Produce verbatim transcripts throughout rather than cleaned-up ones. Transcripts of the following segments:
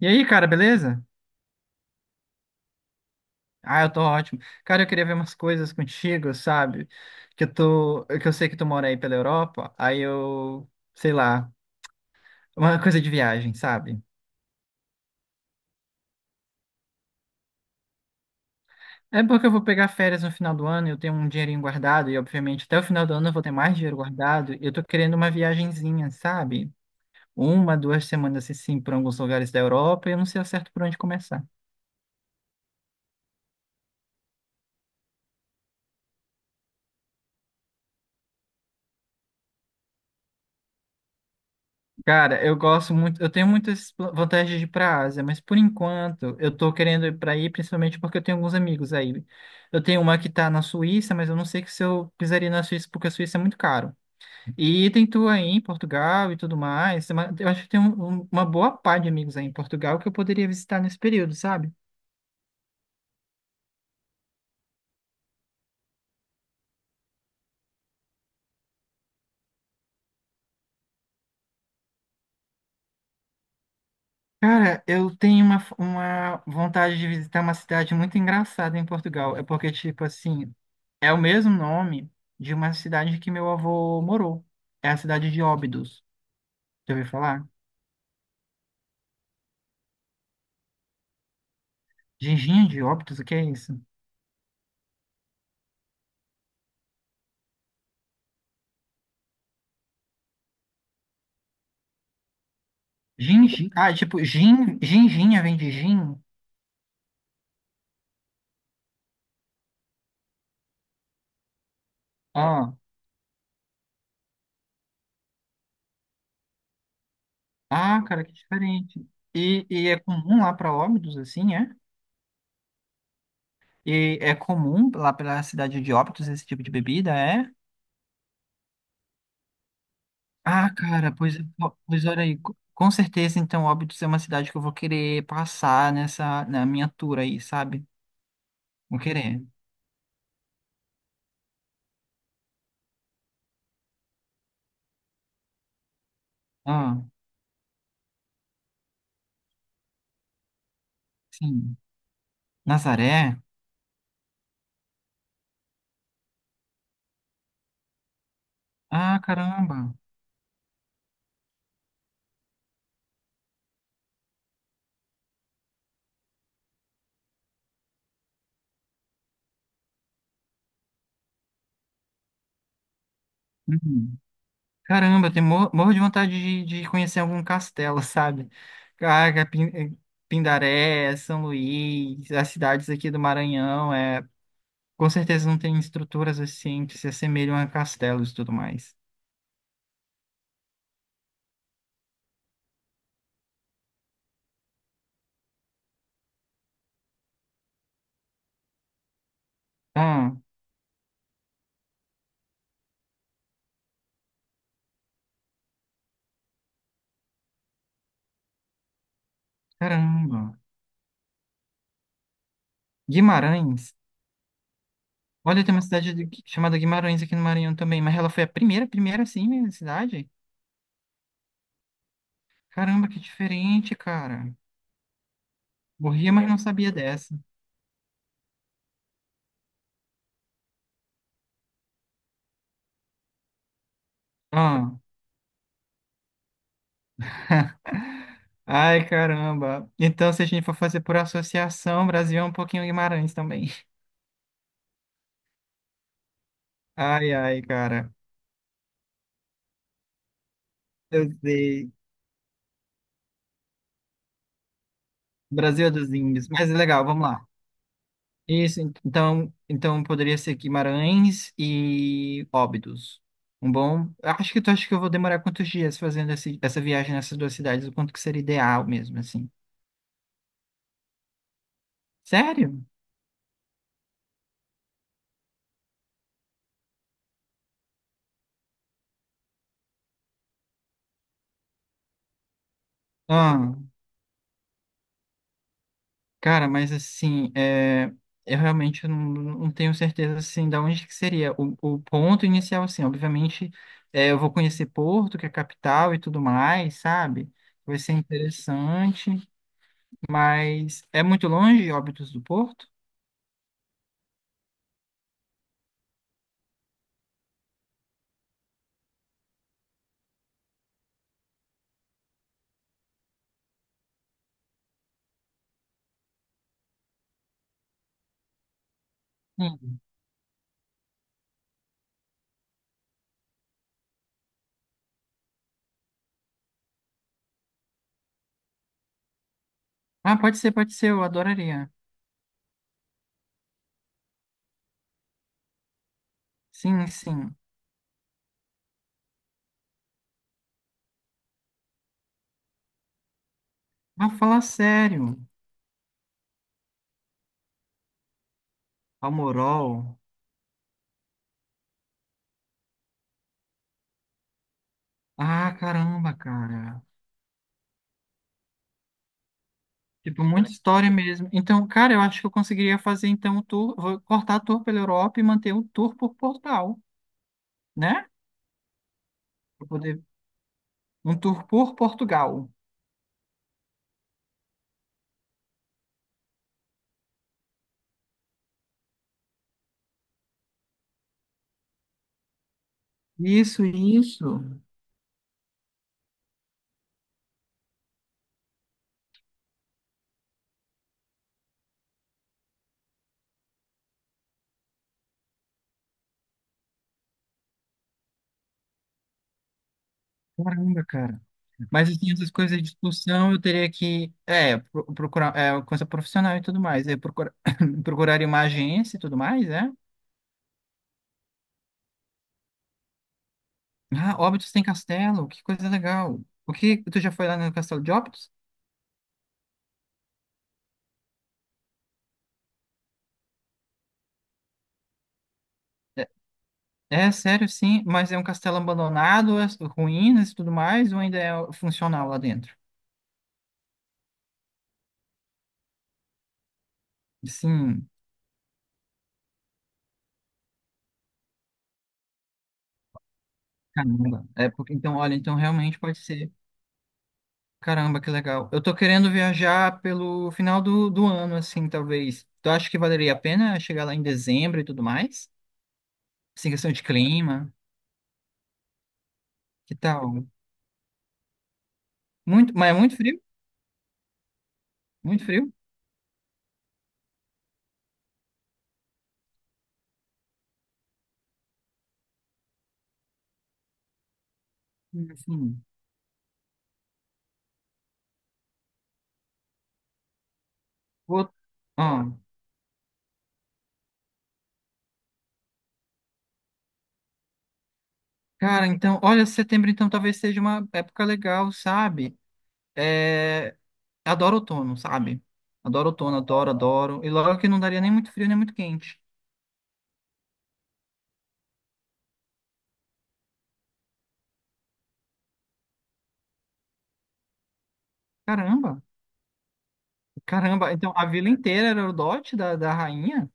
E aí, cara, beleza? Ah, eu tô ótimo. Cara, eu queria ver umas coisas contigo, sabe? Que eu tô, que eu sei que tu mora aí pela Europa, aí eu, sei lá, uma coisa de viagem, sabe? É porque eu vou pegar férias no final do ano, eu tenho um dinheirinho guardado e obviamente até o final do ano eu vou ter mais dinheiro guardado, e eu tô querendo uma viagenzinha, sabe? Uma, duas semanas assim, por alguns lugares da Europa, e eu não sei ao certo por onde começar. Cara, eu gosto muito, eu tenho muitas pla- vantagens de ir para a Ásia, mas por enquanto eu tô querendo ir para aí, principalmente porque eu tenho alguns amigos aí. Eu tenho uma que tá na Suíça, mas eu não sei que se eu pisaria na Suíça, porque a Suíça é muito caro. E tem tu aí em Portugal e tudo mais. tem uma- Eu acho que tem um- um- uma boa pá de amigos aí em Portugal que eu poderia visitar nesse período, sabe? Cara, eu tenho uma, uma vontade de visitar uma cidade muito engraçada em Portugal. É porque, tipo assim, é o mesmo nome de uma cidade que meu avô morou. É a cidade de Óbidos. Já ouviu falar? Ginginha de Óbidos? O que é isso? Gingi... Ah, tipo, gin... ginginha vem de gin? Ah, ah, cara, que diferente. E, e é comum lá para Óbidos, assim, é? E é comum lá pela cidade de Óbidos esse tipo de bebida, é? Ah, cara, pois, pois olha aí, co- com certeza então Óbidos é uma cidade que eu vou querer passar nessa, na minha tour aí, sabe? Vou querer. Ah, sim. Nazaré? Ah, caramba. Uhum. Caramba, eu tenho, mor- morro de vontade de, de conhecer algum castelo, sabe? Caraca, Pin- eh, Pindaré, São Luís, as cidades aqui do Maranhão, é, com certeza não tem estruturas assim que se assemelham a castelos e tudo mais. Ah, caramba. Guimarães? Olha, tem uma cidade de- chamada Guimarães aqui no Maranhão também, mas ela foi a primeira, primeira assim, minha cidade. Caramba, que diferente, cara. Morria, mas não sabia dessa. Ah, Ai, caramba. Então, se a gente for fazer por associação, Brasil é um pouquinho Guimarães também. Ai, ai, cara. Eu sei. Brasil é dos índios, mas é legal, vamos lá. Isso, en- então, então poderia ser Guimarães e Óbidos. Um bom. Acho que tu acha que eu vou demorar quantos dias fazendo esse- essa viagem nessas duas cidades? O quanto que seria ideal mesmo, assim? Sério? Ah, cara, mas assim, é, eu realmente não, não tenho certeza assim da onde que seria o, o ponto inicial, assim. Obviamente, é, eu vou conhecer Porto, que é a capital e tudo mais, sabe? Vai ser interessante, mas é muito longe, Óbidos do Porto? Hum. Ah, pode ser, pode ser, eu adoraria. Sim, sim. Ah, fala sério. Palmorol. Ah, caramba, cara. Tipo, muita história mesmo. Então, cara, eu acho que eu conseguiria fazer então o tour. Vou cortar a tour pela Europa e manter um tour por Portugal, né? Pra poder. Um tour por Portugal. Isso, isso. Caramba, cara. Mas assim, essas coisas de discussão eu teria que é, pro- procurar é, coisa profissional e tudo mais. Eu procurar, procuraria uma agência e tudo mais, é? Ah, Óbidos tem castelo, que coisa legal. O que, tu já foi lá no castelo de Óbidos? É, é sério, sim, mas é um castelo abandonado, as ruínas e tudo mais, ou ainda é funcional lá dentro? Sim, caramba. É porque, então, olha, então realmente pode ser. Caramba, que legal. Eu tô querendo viajar pelo final do, do ano, assim, talvez. Tu acha que valeria a pena chegar lá em dezembro e tudo mais? Sem questão de clima, que tal? Muito, mas é muito frio? Muito frio? Sim. Vou... ó. Cara, então, olha, setembro então talvez seja uma época legal, sabe? É, adoro outono, sabe? Adoro outono, adoro, adoro. E logo que não daria nem muito frio, nem muito quente. Caramba, caramba. Então, a vila inteira era o dote da, da rainha?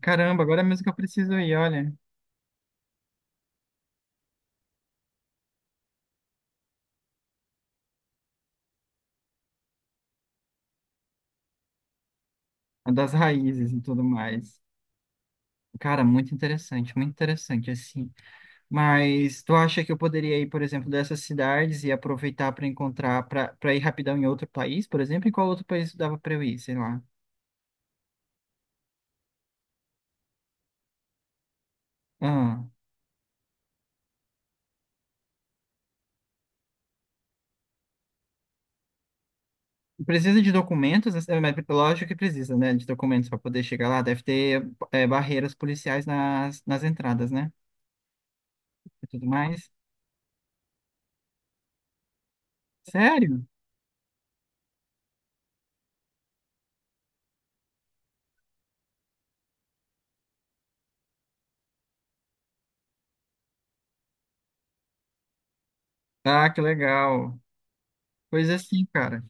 Caramba, agora é mesmo que eu preciso ir, olha. Das raízes e tudo mais. Cara, muito interessante, muito interessante, assim. Mas tu acha que eu poderia ir, por exemplo, dessas cidades e aproveitar para encontrar, para para ir rapidão em outro país, por exemplo? Em qual outro país dava para eu ir, sei lá? Ah, precisa de documentos, né? Mas lógico que precisa, né? De documentos para poder chegar lá. Deve ter é, barreiras policiais nas, nas entradas, né? E tudo mais. Sério? Ah, que legal. Pois assim, cara.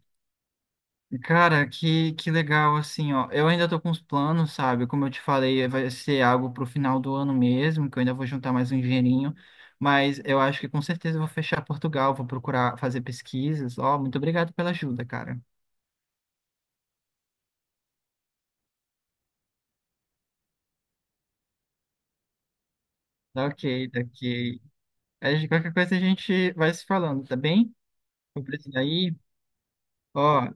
Cara, que, que legal, assim, ó. Eu ainda tô com os planos, sabe? Como eu te falei, vai ser algo pro final do ano mesmo, que eu ainda vou juntar mais um dinheirinho. Mas eu acho que com certeza eu vou fechar Portugal, vou procurar fazer pesquisas. Ó, muito obrigado pela ajuda, cara. Tá ok, tá ok. Aí, de qualquer coisa a gente vai se falando, tá bem? Vou precisar ir. Ó,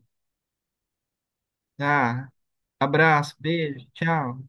tá. Abraço, beijo, tchau.